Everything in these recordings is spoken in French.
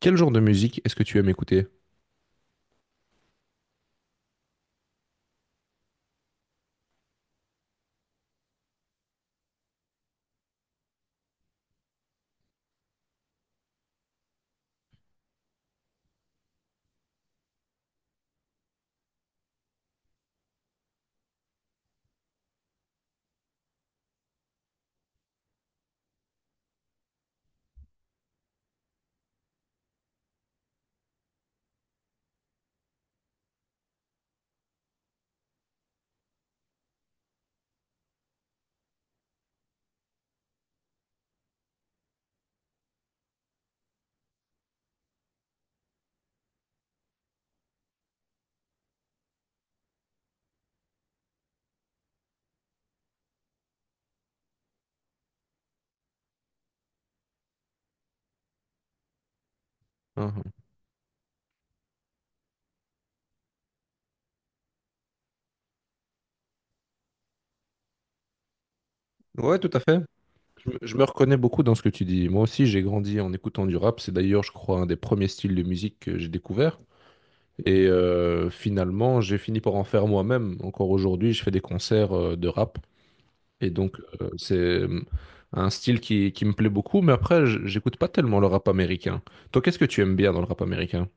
Quel genre de musique est-ce que tu aimes écouter? Ah, ah. Ouais, tout à fait. Je me reconnais beaucoup dans ce que tu dis. Moi aussi, j'ai grandi en écoutant du rap. C'est d'ailleurs, je crois, un des premiers styles de musique que j'ai découvert. Et finalement, j'ai fini par en faire moi-même. Encore aujourd'hui, je fais des concerts de rap. Et donc, c'est un style qui me plaît beaucoup. Mais après, j'écoute pas tellement le rap américain. Toi, qu'est-ce que tu aimes bien dans le rap américain?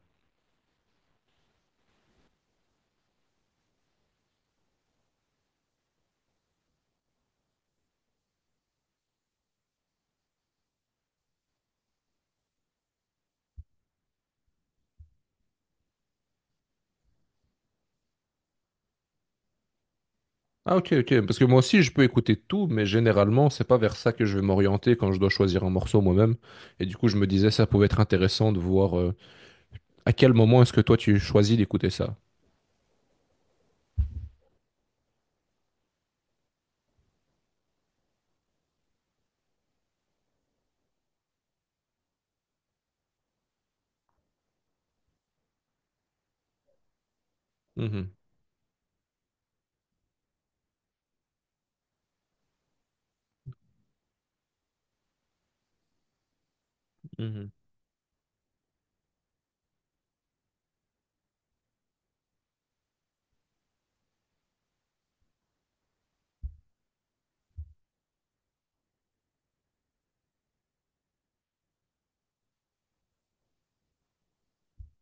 Ah ok, ok, parce que moi aussi je peux écouter tout, mais généralement c'est pas vers ça que je vais m'orienter quand je dois choisir un morceau moi-même. Et du coup je me disais ça pouvait être intéressant de voir à quel moment est-ce que toi tu choisis d'écouter ça. Mhm, mhm,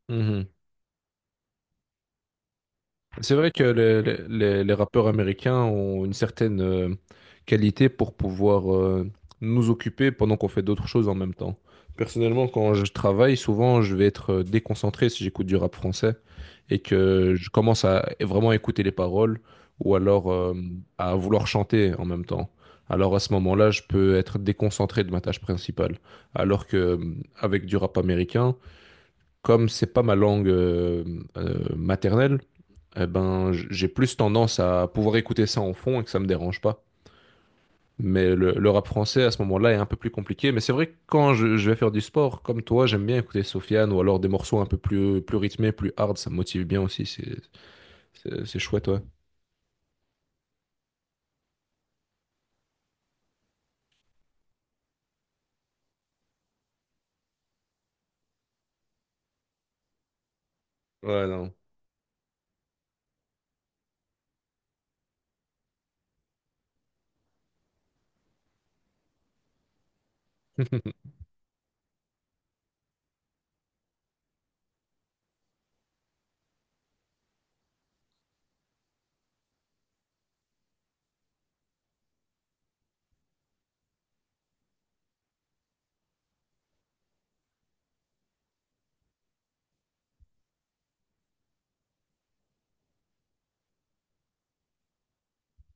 mhm. C'est vrai que les rappeurs américains ont une certaine qualité pour pouvoir nous occuper pendant qu'on fait d'autres choses en même temps. Personnellement, quand je travaille, souvent, je vais être déconcentré si j'écoute du rap français et que je commence à vraiment écouter les paroles ou alors à vouloir chanter en même temps. Alors à ce moment-là, je peux être déconcentré de ma tâche principale. Alors que avec du rap américain, comme c'est pas ma langue maternelle, eh ben, j'ai plus tendance à pouvoir écouter ça en fond et que ça me dérange pas. Mais le rap français à ce moment-là est un peu plus compliqué. Mais c'est vrai que quand je vais faire du sport, comme toi, j'aime bien écouter Sofiane ou alors des morceaux un peu plus rythmés, plus hard. Ça me motive bien aussi. C'est chouette, ouais. Ouais, non.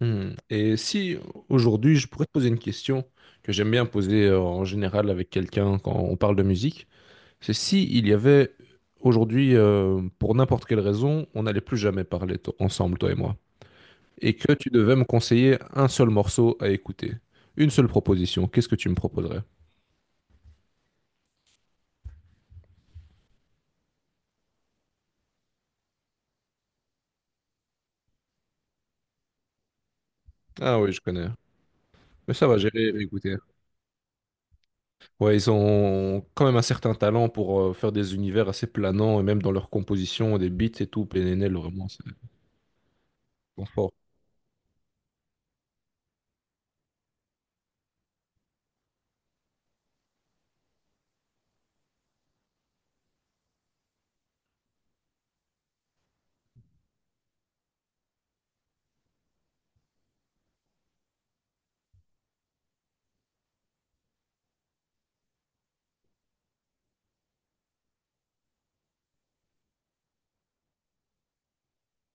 Hmm. Et si aujourd'hui, je pourrais te poser une question que j'aime bien poser en général avec quelqu'un quand on parle de musique, c'est si il y avait aujourd'hui, pour n'importe quelle raison, on n'allait plus jamais parler ensemble, toi et moi. Et que tu devais me conseiller un seul morceau à écouter. Une seule proposition, qu'est-ce que tu me proposerais? Ah oui, je connais. Mais ça va, j'irai écouter. Ouais, ils ont quand même un certain talent pour faire des univers assez planants et même dans leur composition, des beats et tout. PNL, vraiment, c'est ils sont forts.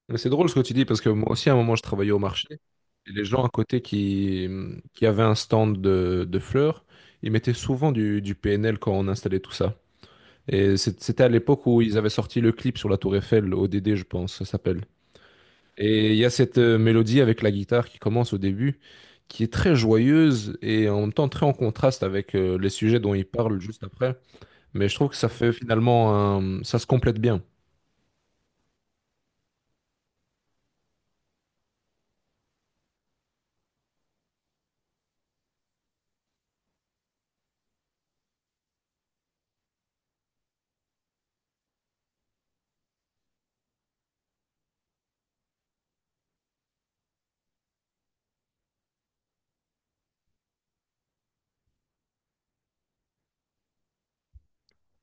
Mais c'est drôle ce que tu dis parce que moi aussi, à un moment, je travaillais au marché et les gens à côté qui avaient un stand de fleurs, ils mettaient souvent du PNL quand on installait tout ça. Et c'était à l'époque où ils avaient sorti le clip sur la Tour Eiffel, ODD, je pense, ça s'appelle. Et il y a cette mélodie avec la guitare qui commence au début, qui est très joyeuse et en même temps très en contraste avec les sujets dont ils parlent juste après. Mais je trouve que ça fait finalement ça se complète bien.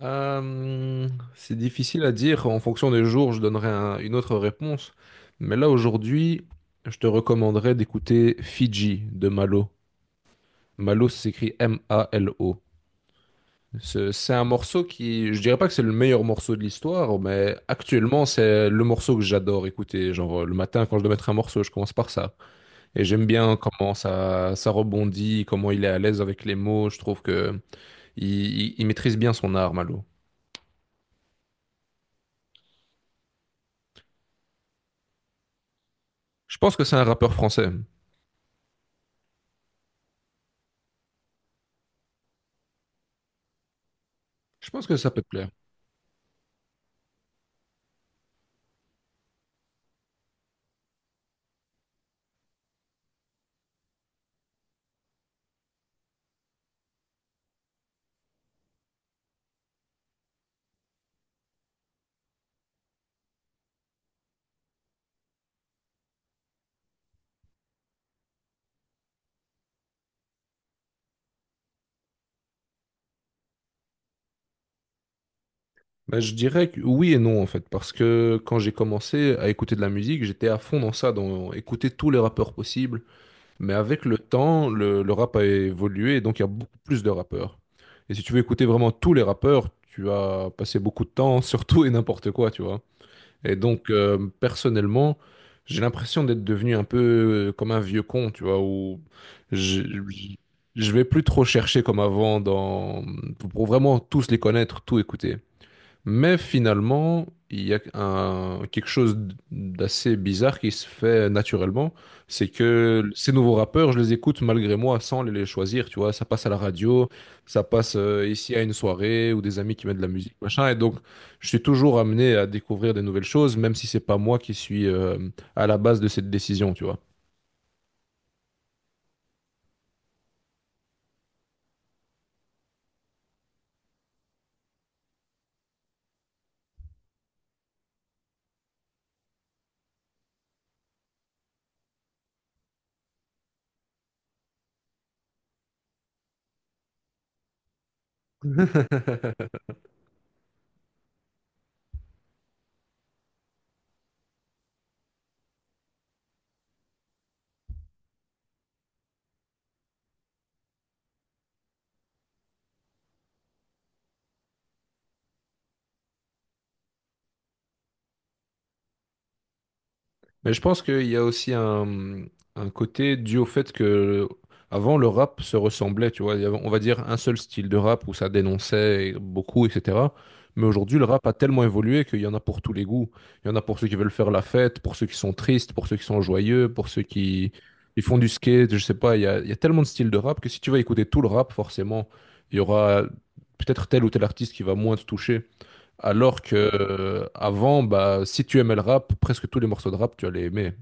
Euh, c'est difficile à dire. En fonction des jours, je donnerai une autre réponse. Mais là, aujourd'hui, je te recommanderais d'écouter Fiji de Malo. Malo, ça s'écrit M-A-L-O. C'est un morceau qui, je dirais pas que c'est le meilleur morceau de l'histoire, mais actuellement c'est le morceau que j'adore écouter. Genre le matin quand je dois mettre un morceau, je commence par ça. Et j'aime bien comment ça rebondit, comment il est à l'aise avec les mots. Je trouve que il, il maîtrise bien son art, Malo. Je pense que c'est un rappeur français. Je pense que ça peut te plaire. Mais je dirais que oui et non en fait, parce que quand j'ai commencé à écouter de la musique, j'étais à fond dans ça, dans écouter tous les rappeurs possibles. Mais avec le temps, le rap a évolué et donc il y a beaucoup plus de rappeurs. Et si tu veux écouter vraiment tous les rappeurs, tu vas passer beaucoup de temps sur tout et n'importe quoi, tu vois. Et donc, personnellement, j'ai l'impression d'être devenu un peu comme un vieux con, tu vois, où je, je je vais plus trop chercher comme avant pour vraiment tous les connaître, tout écouter. Mais finalement, il y a quelque chose d'assez bizarre qui se fait naturellement. C'est que ces nouveaux rappeurs, je les écoute malgré moi sans les choisir. Tu vois, ça passe à la radio, ça passe ici à une soirée ou des amis qui mettent de la musique, machin. Et donc, je suis toujours amené à découvrir des nouvelles choses, même si c'est pas moi qui suis à la base de cette décision. Tu vois. Mais je pense qu'il y a aussi un côté dû au fait que avant le rap se ressemblait, tu vois, il y avait, on va dire un seul style de rap où ça dénonçait beaucoup, etc. Mais aujourd'hui, le rap a tellement évolué qu'il y en a pour tous les goûts. Il y en a pour ceux qui veulent faire la fête, pour ceux qui sont tristes, pour ceux qui sont joyeux, pour ceux qui ils font du skate, je sais pas. Il y a tellement de styles de rap que si tu vas écouter tout le rap, forcément, il y aura peut-être tel ou tel artiste qui va moins te toucher. Alors que avant, bah, si tu aimais le rap, presque tous les morceaux de rap, tu allais aimer.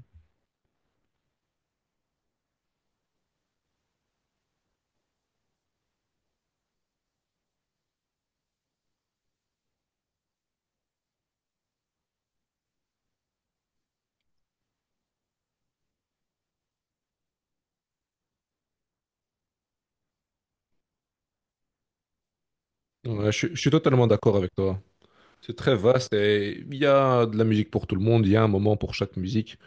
Ouais, je suis totalement d'accord avec toi. C'est très vaste et il y a de la musique pour tout le monde, il y a un moment pour chaque musique.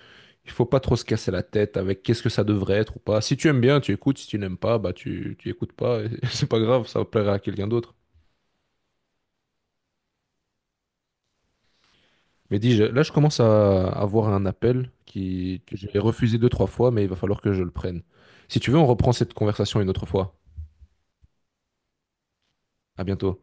Il faut pas trop se casser la tête avec qu'est-ce que ça devrait être ou pas. Si tu aimes bien, tu écoutes. Si tu n'aimes pas, bah tu écoutes pas, et c'est pas grave, ça plaira à quelqu'un d'autre. Mais dis, là, je commence à avoir un appel que j'ai refusé deux, trois fois, mais il va falloir que je le prenne. Si tu veux, on reprend cette conversation une autre fois. À bientôt.